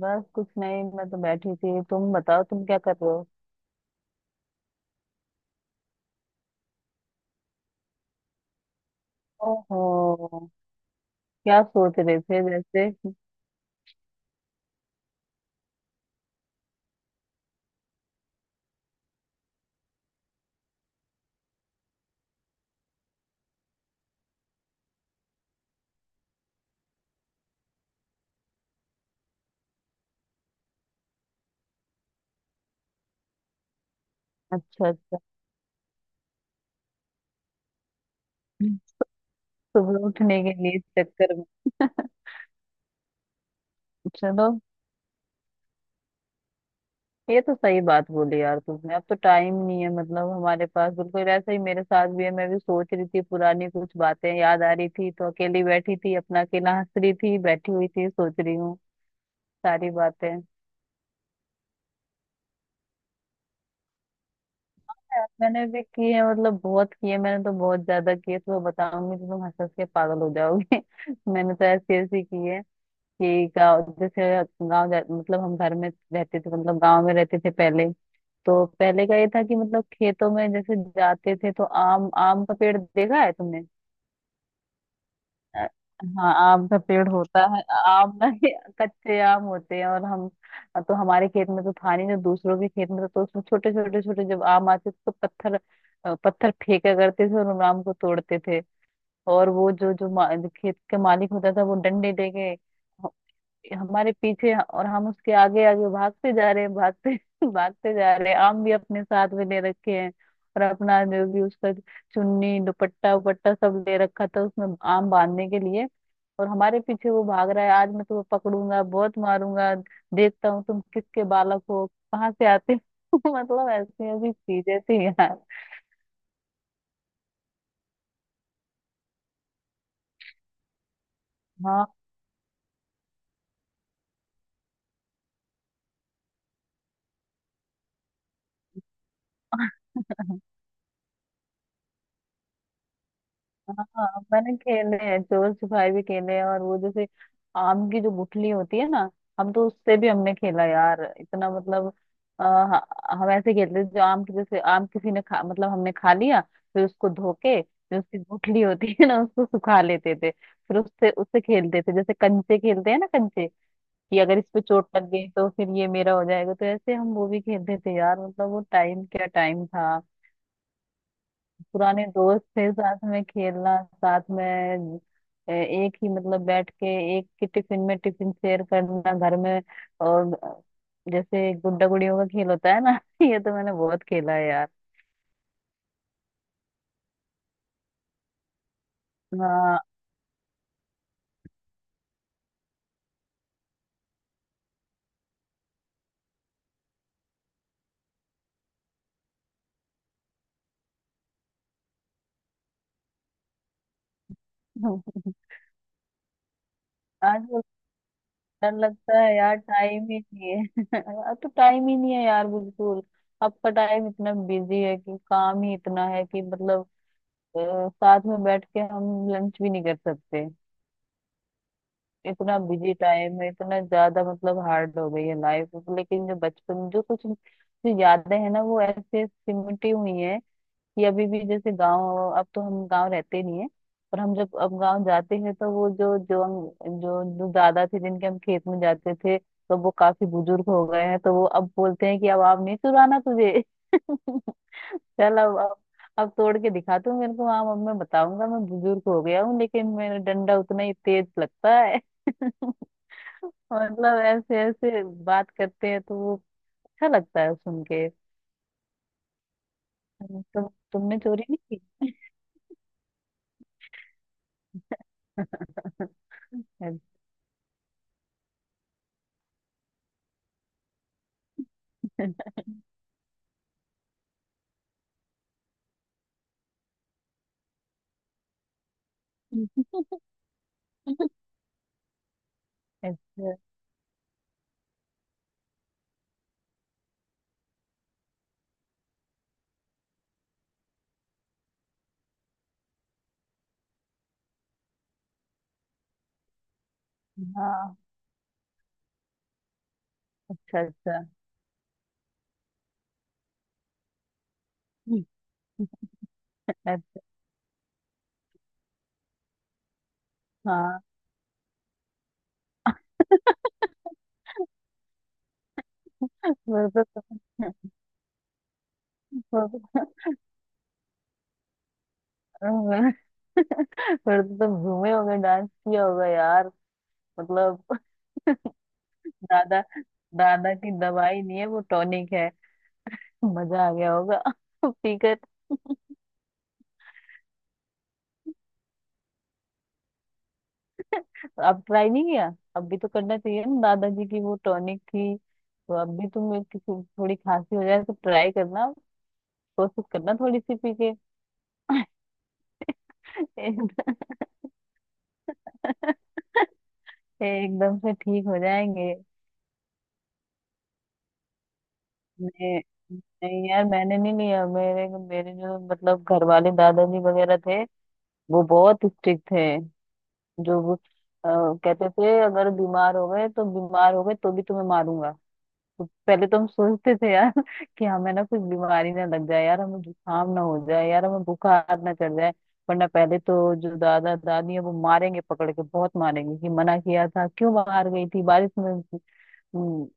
बस कुछ नहीं। मैं तो बैठी थी, तुम बताओ तुम क्या कर रहे हो। ओहो, क्या सोच रहे थे जैसे। अच्छा अच्छा। सुबह उठने के लिए चक्कर में। चलो, ये तो सही बात बोली यार तुमने, अब तो टाइम नहीं है मतलब हमारे पास। बिल्कुल ऐसा ही मेरे साथ भी है, मैं भी सोच रही थी पुरानी कुछ बातें याद आ रही थी, तो अकेली बैठी थी अपना अकेला हंस रही थी, बैठी हुई थी सोच रही हूँ सारी बातें। यार, मैंने भी किए हैं, मतलब बहुत किए, मैंने तो बहुत ज्यादा किए, तो बताऊंगी तो तुम हंस हंस के पागल हो जाओगे। मैंने तो ऐसे ऐसे किए कि गाँव जैसे मतलब हम घर में रहते थे, मतलब गाँव में रहते थे पहले। तो पहले का ये था कि मतलब खेतों में जैसे जाते थे, तो आम, आम का पेड़ देखा है तुमने। अ, हाँ आम का पेड़ होता है। आम ना ही कच्चे आम होते हैं, और हम, तो हमारे खेत में तो था नहीं, जो दूसरों के खेत में था, तो उसमें छोटे छोटे छोटे जब आम आते थे तो पत्थर पत्थर फेंका करते थे और उन आम को तोड़ते थे। और वो जो जो, मा, जो खेत के मालिक होता था वो डंडे लेके हमारे पीछे, और हम उसके आगे आगे भागते जा रहे हैं, भागते भागते जा रहे हैं, आम भी अपने साथ में ले रखे हैं। और अपना जो भी उसका चुन्नी दुपट्टा उपट्टा सब ले रखा था उसमें आम बांधने के लिए। और हमारे पीछे वो भाग रहा है, आज मैं तुम्हें पकड़ूंगा बहुत मारूंगा, देखता हूँ तुम किसके बालक हो, कहाँ से आते हो। मतलब ऐसी ऐसी चीजें थी यार। हाँ हाँ, मैंने खेले हैं, चोर सिपाही भी खेले हैं। और वो जैसे आम की जो गुठली होती है ना, हम तो उससे भी हमने खेला यार, इतना मतलब हम ऐसे खेलते थे, जो आम की जैसे आम किसी ने खा मतलब हमने खा लिया, फिर उसको धो के, जो उसकी गुठली होती है ना उसको सुखा लेते थे, फिर उससे उससे खेलते थे, जैसे कंचे खेलते हैं ना कंचे, कि अगर इस पे चोट लग गई तो फिर ये मेरा हो जाएगा, तो ऐसे हम वो भी खेलते थे यार। मतलब वो टाइम क्या टाइम था। पुराने दोस्त थे, साथ में खेलना, साथ में एक ही मतलब बैठ के एक ही टिफिन में टिफिन शेयर करना घर में। और जैसे गुड्डा गुड़ियों का खेल होता है ना, ये तो मैंने बहुत खेला है यार। हाँ। आजकल डर लगता है यार, टाइम ही नहीं है। अब तो टाइम ही नहीं है यार, बिल्कुल। अब का टाइम इतना बिजी है कि काम ही इतना है कि मतलब साथ में बैठ के हम लंच भी नहीं कर सकते। इतना बिजी टाइम है, इतना ज्यादा, मतलब हार्ड हो गई है लाइफ। लेकिन जो बचपन जो कुछ जो यादें हैं ना, वो ऐसे सिमटी हुई हैं। ये अभी भी जैसे गांव, अब तो हम गांव रहते नहीं है, पर हम जब अब गांव जाते हैं तो वो जो जो हम, जो जो दादा थे जिनके हम खेत में जाते थे, तो वो काफी बुजुर्ग हो गए हैं, तो वो अब बोलते हैं कि अब आप नहीं चुराना तुझे। चल अब तोड़ के दिखा तू मेरे को, हाँ अब मैं बताऊंगा, मैं बुजुर्ग हो गया हूँ लेकिन मेरा डंडा उतना ही तेज लगता है। मतलब ऐसे ऐसे बात करते हैं तो वो अच्छा लगता है सुन के। तुम, तुमने चोरी नहीं की। अच्छा अच्छा, हाँ। अच्छा अच्छा। अच्छा। हाँ। फिर तो तुम तो फिर तो तुम घूमे होगे, डांस किया होगा यार। मतलब दादा दादा की दवाई नहीं है वो टॉनिक है। मजा आ गया होगा पीकर। अब ट्राई नहीं किया। अब भी तो करना चाहिए ना, दादाजी की वो टॉनिक थी तो, अब भी तुम्हें किसी थोड़ी खांसी हो जाए तो ट्राई करना, कोशिश करना थोड़ी सी पी के। एकदम, एकदम से ठीक हो जाएंगे। मैं, नहीं यार मैंने नहीं लिया। मेरे मेरे जो मतलब घर वाले दादाजी वगैरह थे वो बहुत स्ट्रिक्ट थे। जो वो कहते थे, अगर बीमार हो गए तो बीमार हो गए तो भी तुम्हें मारूंगा। तो पहले तो हम सोचते थे यार, कि हमें ना कुछ बीमारी ना लग जाए यार, हमें जुकाम ना हो जाए यार, हमें बुखार ना चढ़ जाए, वरना पहले तो जो दादा दादी है वो मारेंगे, पकड़ के बहुत मारेंगे, कि मना किया था क्यों बाहर गई थी बारिश में। हम्म।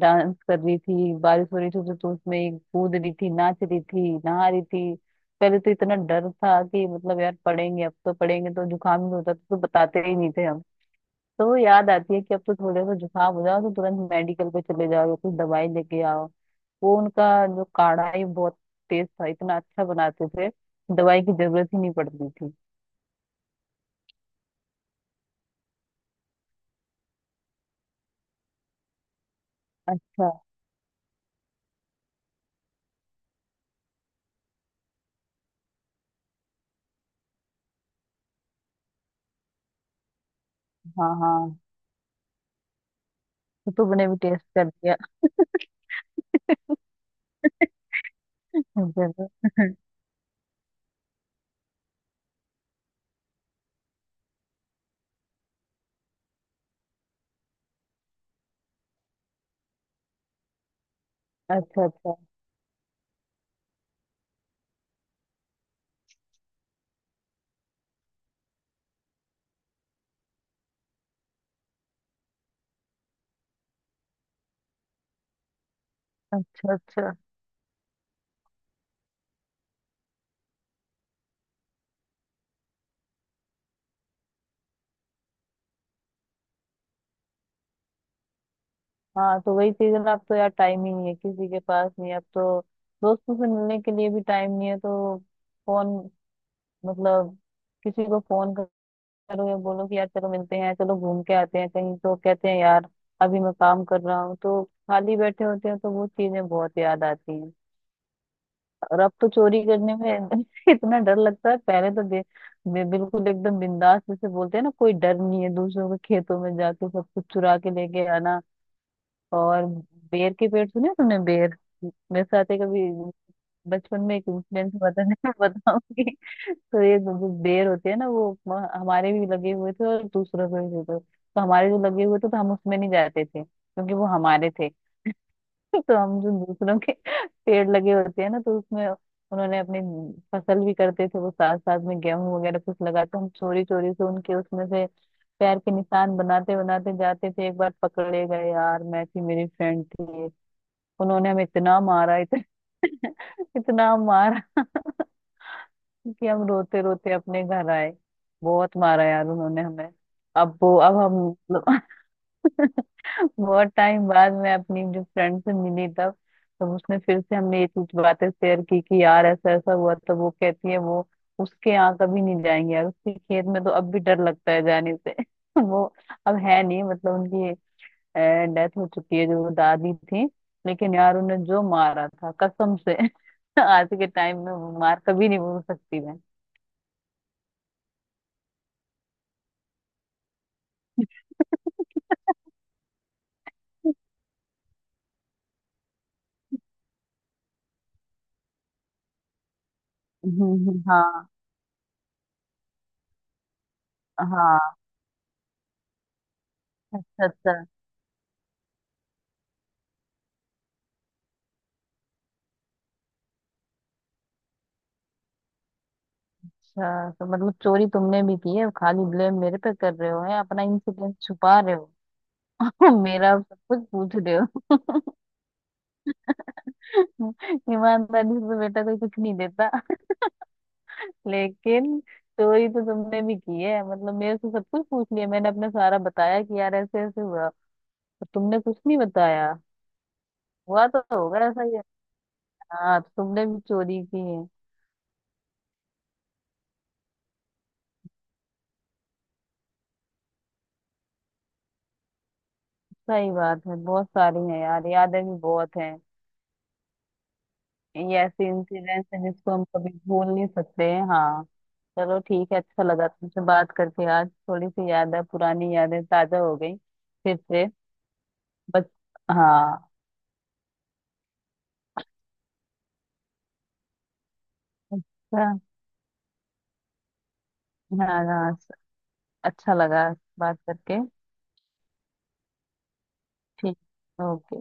डांस कर रही थी, बारिश हो रही थी तो उसमें कूद रही थी, नाच रही थी, नहा रही थी। पहले तो इतना डर था कि मतलब यार पढ़ेंगे, अब तो पढ़ेंगे तो जुकाम ही होता था तो बताते ही नहीं थे हम। तो वो याद आती है कि अब तो थोड़े सा जुकाम हो जाओ तो तुरंत मेडिकल पे चले जाओ या कुछ दवाई लेके आओ। वो उनका जो काढ़ा है वो बहुत टेस्ट था, इतना अच्छा बनाते थे, दवाई की जरूरत ही नहीं पड़ती थी। अच्छा। हाँ हाँ, तो तुमने भी टेस्ट कर दिया। जरूर। अच्छा अच्छा। अच्छा अच्छा। हाँ, तो वही चीज है ना, अब तो यार टाइम ही नहीं है किसी के पास, नहीं है, अब तो दोस्तों से मिलने के लिए भी टाइम नहीं है तो। फोन, मतलब किसी को फोन करो या बोलो कि यार चलो मिलते हैं चलो घूम के आते हैं कहीं, तो कहते हैं यार अभी मैं काम कर रहा हूँ तो। खाली बैठे होते हैं तो वो चीजें बहुत याद आती हैं। और अब तो चोरी करने में इतना डर लगता है, पहले तो बे, बे, बिल्कुल एकदम बिंदास, जैसे बोलते हैं ना कोई डर नहीं है, दूसरों के खेतों में जाके सब कुछ चुरा के लेके आना। और बेर के पेड़ सुने तुमने, बेर मेरे साथ ही कभी बचपन में एक इंसिडेंट हुआ था। मैं बताऊंगी तो, ये जो जो बेर होते हैं ना, वो हमारे भी लगे हुए थे और दूसरों के भी थे, तो हमारे जो लगे हुए थे तो हम उसमें नहीं जाते थे क्योंकि वो हमारे थे। तो हम जो दूसरों के पेड़ लगे होते हैं ना, तो उसमें उन्होंने अपनी फसल भी करते थे वो साथ साथ में, गेहूं वगैरह कुछ लगा, तो हम चोरी चोरी से उनके उसमें से पैर के निशान बनाते बनाते जाते थे, एक बार पकड़े गए यार, मैं थी मेरी फ्रेंड थी। उन्होंने हमें इतना मारा, इतना इतना मारा कि हम रोते रोते अपने घर आए। बहुत मारा यार उन्होंने हमें। अब वो अब हम बहुत टाइम बाद मैं अपनी जो फ्रेंड से मिली, तब, तब उसने फिर से हमने ये चीज बातें शेयर की कि यार ऐसा ऐसा हुआ, तो वो कहती है वो उसके यहाँ कभी नहीं जाएंगे यार, उसके खेत में तो अब भी डर लगता है जाने से। वो अब है नहीं, मतलब उनकी डेथ हो चुकी है जो वो दादी थी। लेकिन यार उन्हें जो मारा था कसम से, आज के टाइम में वो मार कभी नहीं भूल सकती मैं। हाँ। हाँ सच। अच्छा, तो मतलब चोरी तुमने भी की है, खाली ब्लेम मेरे पे कर रहे हो है, अपना इंसिडेंट छुपा रहे हो। मेरा सब कुछ पूछ रहे हो। ईमानदारी से तो बेटा कोई कुछ नहीं देता। लेकिन चोरी तो तुमने भी की है, मतलब मेरे से सब कुछ पूछ लिया, मैंने अपने सारा बताया कि यार ऐसे ऐसे हुआ और तुमने कुछ नहीं बताया। हुआ तो होगा, ऐसा ही है। हाँ तो तुमने भी चोरी की है। सही बात है, बहुत सारी है यार, यादें भी बहुत हैं। ये ऐसे इंसिडेंट्स हैं जिसको हम कभी भूल नहीं सकते हैं। हाँ चलो ठीक है, अच्छा लगा तुमसे बात करके, आज थोड़ी सी याद है, पुरानी यादें ताजा हो गई फिर से। बस। हाँ। अच्छा। हाँ हाँ। अच्छा लगा बात करके। ठीक। ओके।